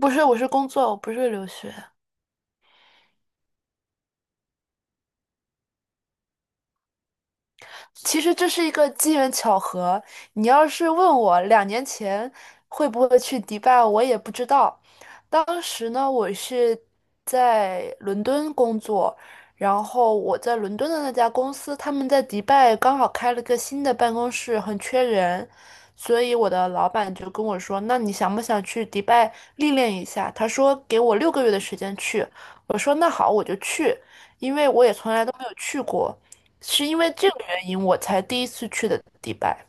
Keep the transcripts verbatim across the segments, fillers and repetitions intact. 不是，我是工作，我不是留学。其实这是一个机缘巧合。你要是问我两年前会不会去迪拜，我也不知道。当时呢，我是在伦敦工作，然后我在伦敦的那家公司，他们在迪拜刚好开了个新的办公室，很缺人，所以我的老板就跟我说：“那你想不想去迪拜历练一下？”他说给我六个月的时间去，我说那好，我就去，因为我也从来都没有去过。是因为这个原因，我才第一次去的迪拜，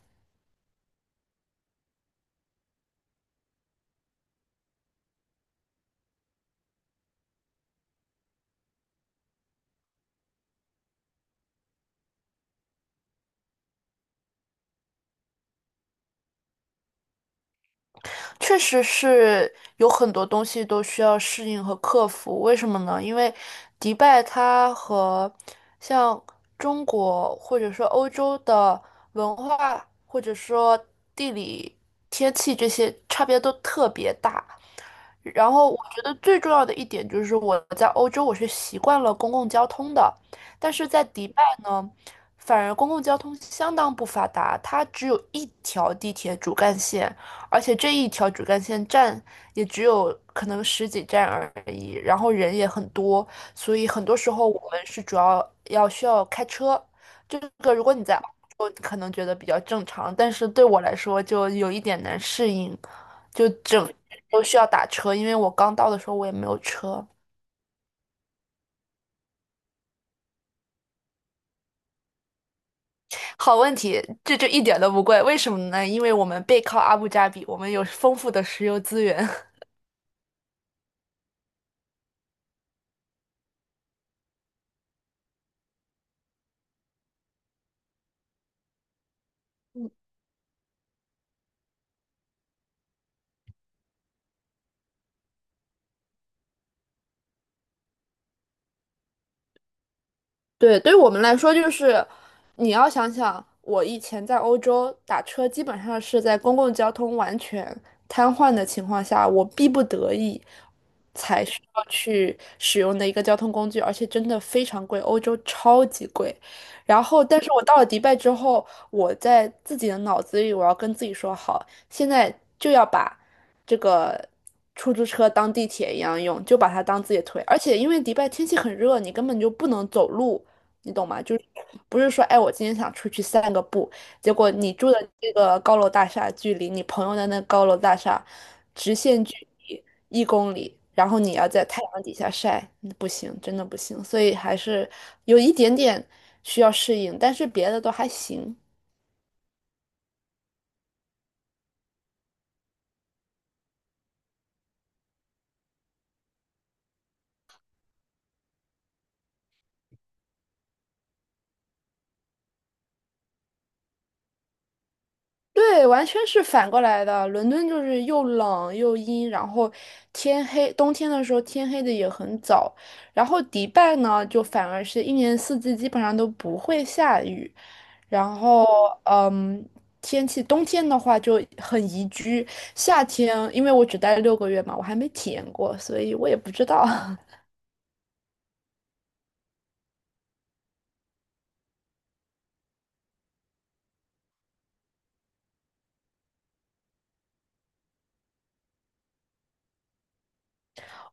确实是有很多东西都需要适应和克服。为什么呢？因为迪拜它和像中国或者说欧洲的文化或者说地理、天气这些差别都特别大，然后我觉得最重要的一点就是我在欧洲我是习惯了公共交通的，但是在迪拜呢，反而公共交通相当不发达，它只有一条地铁主干线，而且这一条主干线站也只有可能十几站而已，然后人也很多，所以很多时候我们是主要要需要开车。这个如果你在欧洲可能觉得比较正常，但是对我来说就有一点难适应。就整都需要打车，因为我刚到的时候我也没有车。好问题，这就一点都不贵，为什么呢？因为我们背靠阿布扎比，我们有丰富的石油资源。对，对于我们来说，就是你要想想，我以前在欧洲打车，基本上是在公共交通完全瘫痪的情况下，我逼不得已才需要去使用的一个交通工具，而且真的非常贵，欧洲超级贵。然后，但是我到了迪拜之后，我在自己的脑子里，我要跟自己说，好，现在就要把这个出租车当地铁一样用，就把它当自己的腿。而且因为迪拜天气很热，你根本就不能走路，你懂吗？就是不是说，哎，我今天想出去散个步，结果你住的这个高楼大厦距离你朋友的那高楼大厦直线距离一公里，然后你要在太阳底下晒，嗯不行，真的不行。所以还是有一点点需要适应，但是别的都还行。对，完全是反过来的。伦敦就是又冷又阴，然后天黑，冬天的时候天黑的也很早。然后迪拜呢，就反而是一年四季基本上都不会下雨。然后，嗯，天气冬天的话就很宜居，夏天因为我只待了六个月嘛，我还没体验过，所以我也不知道。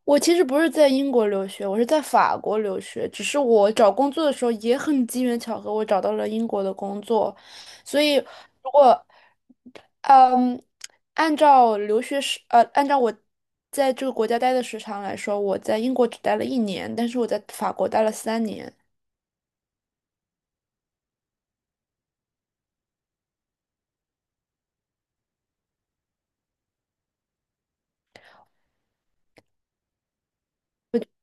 我其实不是在英国留学，我是在法国留学。只是我找工作的时候也很机缘巧合，我找到了英国的工作。所以，如果嗯，按照留学时呃，按照我在这个国家待的时长来说，我在英国只待了一年，但是我在法国待了三年。我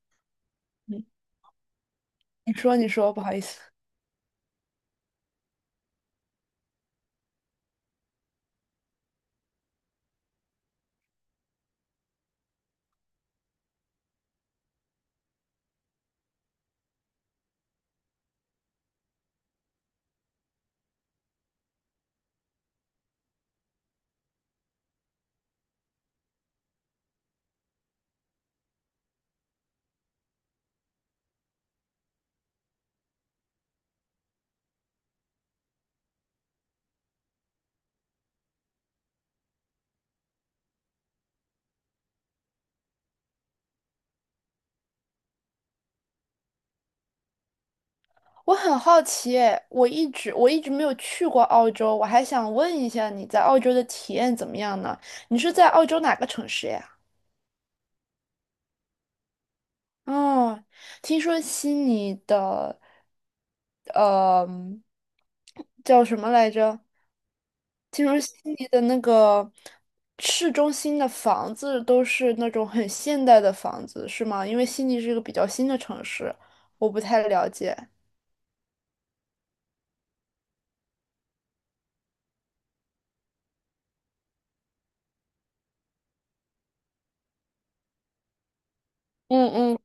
嗯你说，你说，不好意思。我很好奇诶，我一直我一直没有去过澳洲，我还想问一下你在澳洲的体验怎么样呢？你是在澳洲哪个城市呀？哦，听说悉尼的，呃，叫什么来着？听说悉尼的那个市中心的房子都是那种很现代的房子，是吗？因为悉尼是一个比较新的城市，我不太了解。嗯嗯。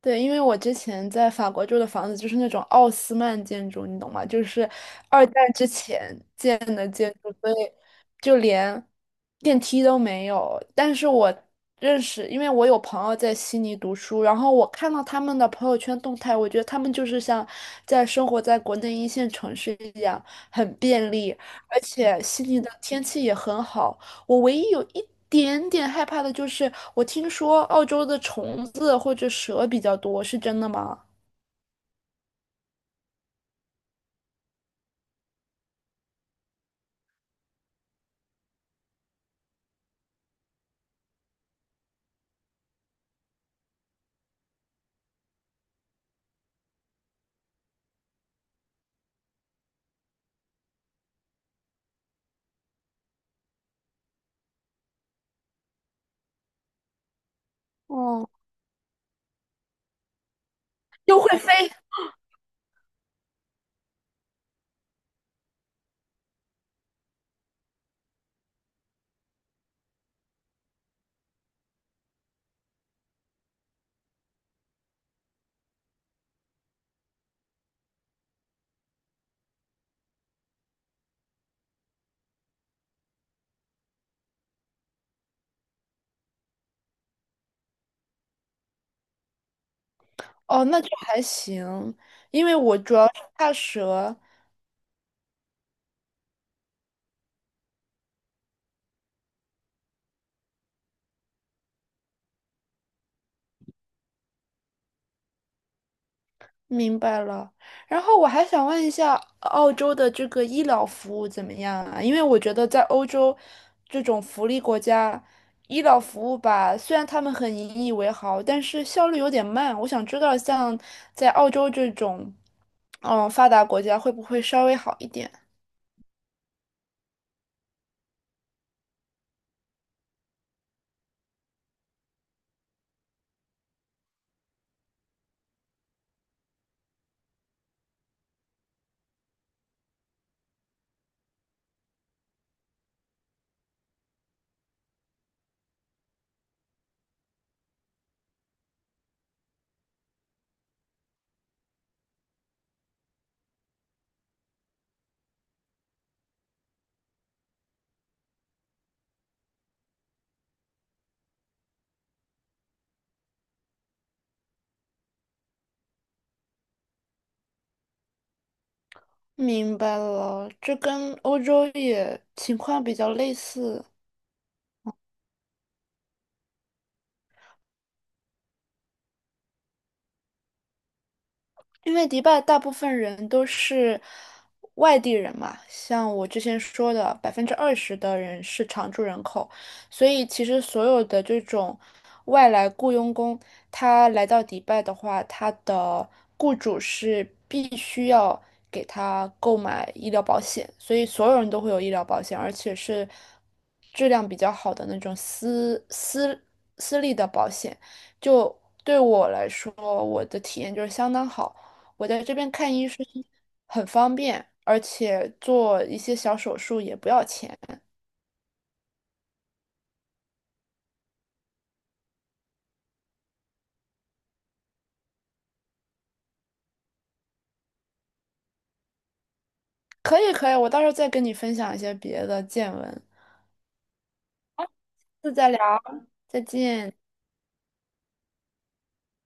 对，因为我之前在法国住的房子就是那种奥斯曼建筑，你懂吗？就是二战之前建的建筑，所以就连电梯都没有。但是我认识，因为我有朋友在悉尼读书，然后我看到他们的朋友圈动态，我觉得他们就是像在生活在国内一线城市一样，很便利，而且悉尼的天气也很好。我唯一有一点点害怕的就是，我听说澳洲的虫子或者蛇比较多，是真的吗？哦，又会飞？哦，那就还行，因为我主要是怕蛇，明白了，然后我还想问一下，澳洲的这个医疗服务怎么样啊？因为我觉得在欧洲这种福利国家，医疗服务吧，虽然他们很引以为豪，但是效率有点慢。我想知道，像在澳洲这种，嗯，发达国家会不会稍微好一点？明白了，这跟欧洲也情况比较类似。因为迪拜大部分人都是外地人嘛，像我之前说的，百分之二十的人是常住人口，所以其实所有的这种外来雇佣工，他来到迪拜的话，他的雇主是必须要给他购买医疗保险，所以所有人都会有医疗保险，而且是质量比较好的那种私私私立的保险。就对我来说，我的体验就是相当好。我在这边看医生很方便，而且做一些小手术也不要钱。可以，可以，我到时候再跟你分享一些别的见闻。下次再聊，再见。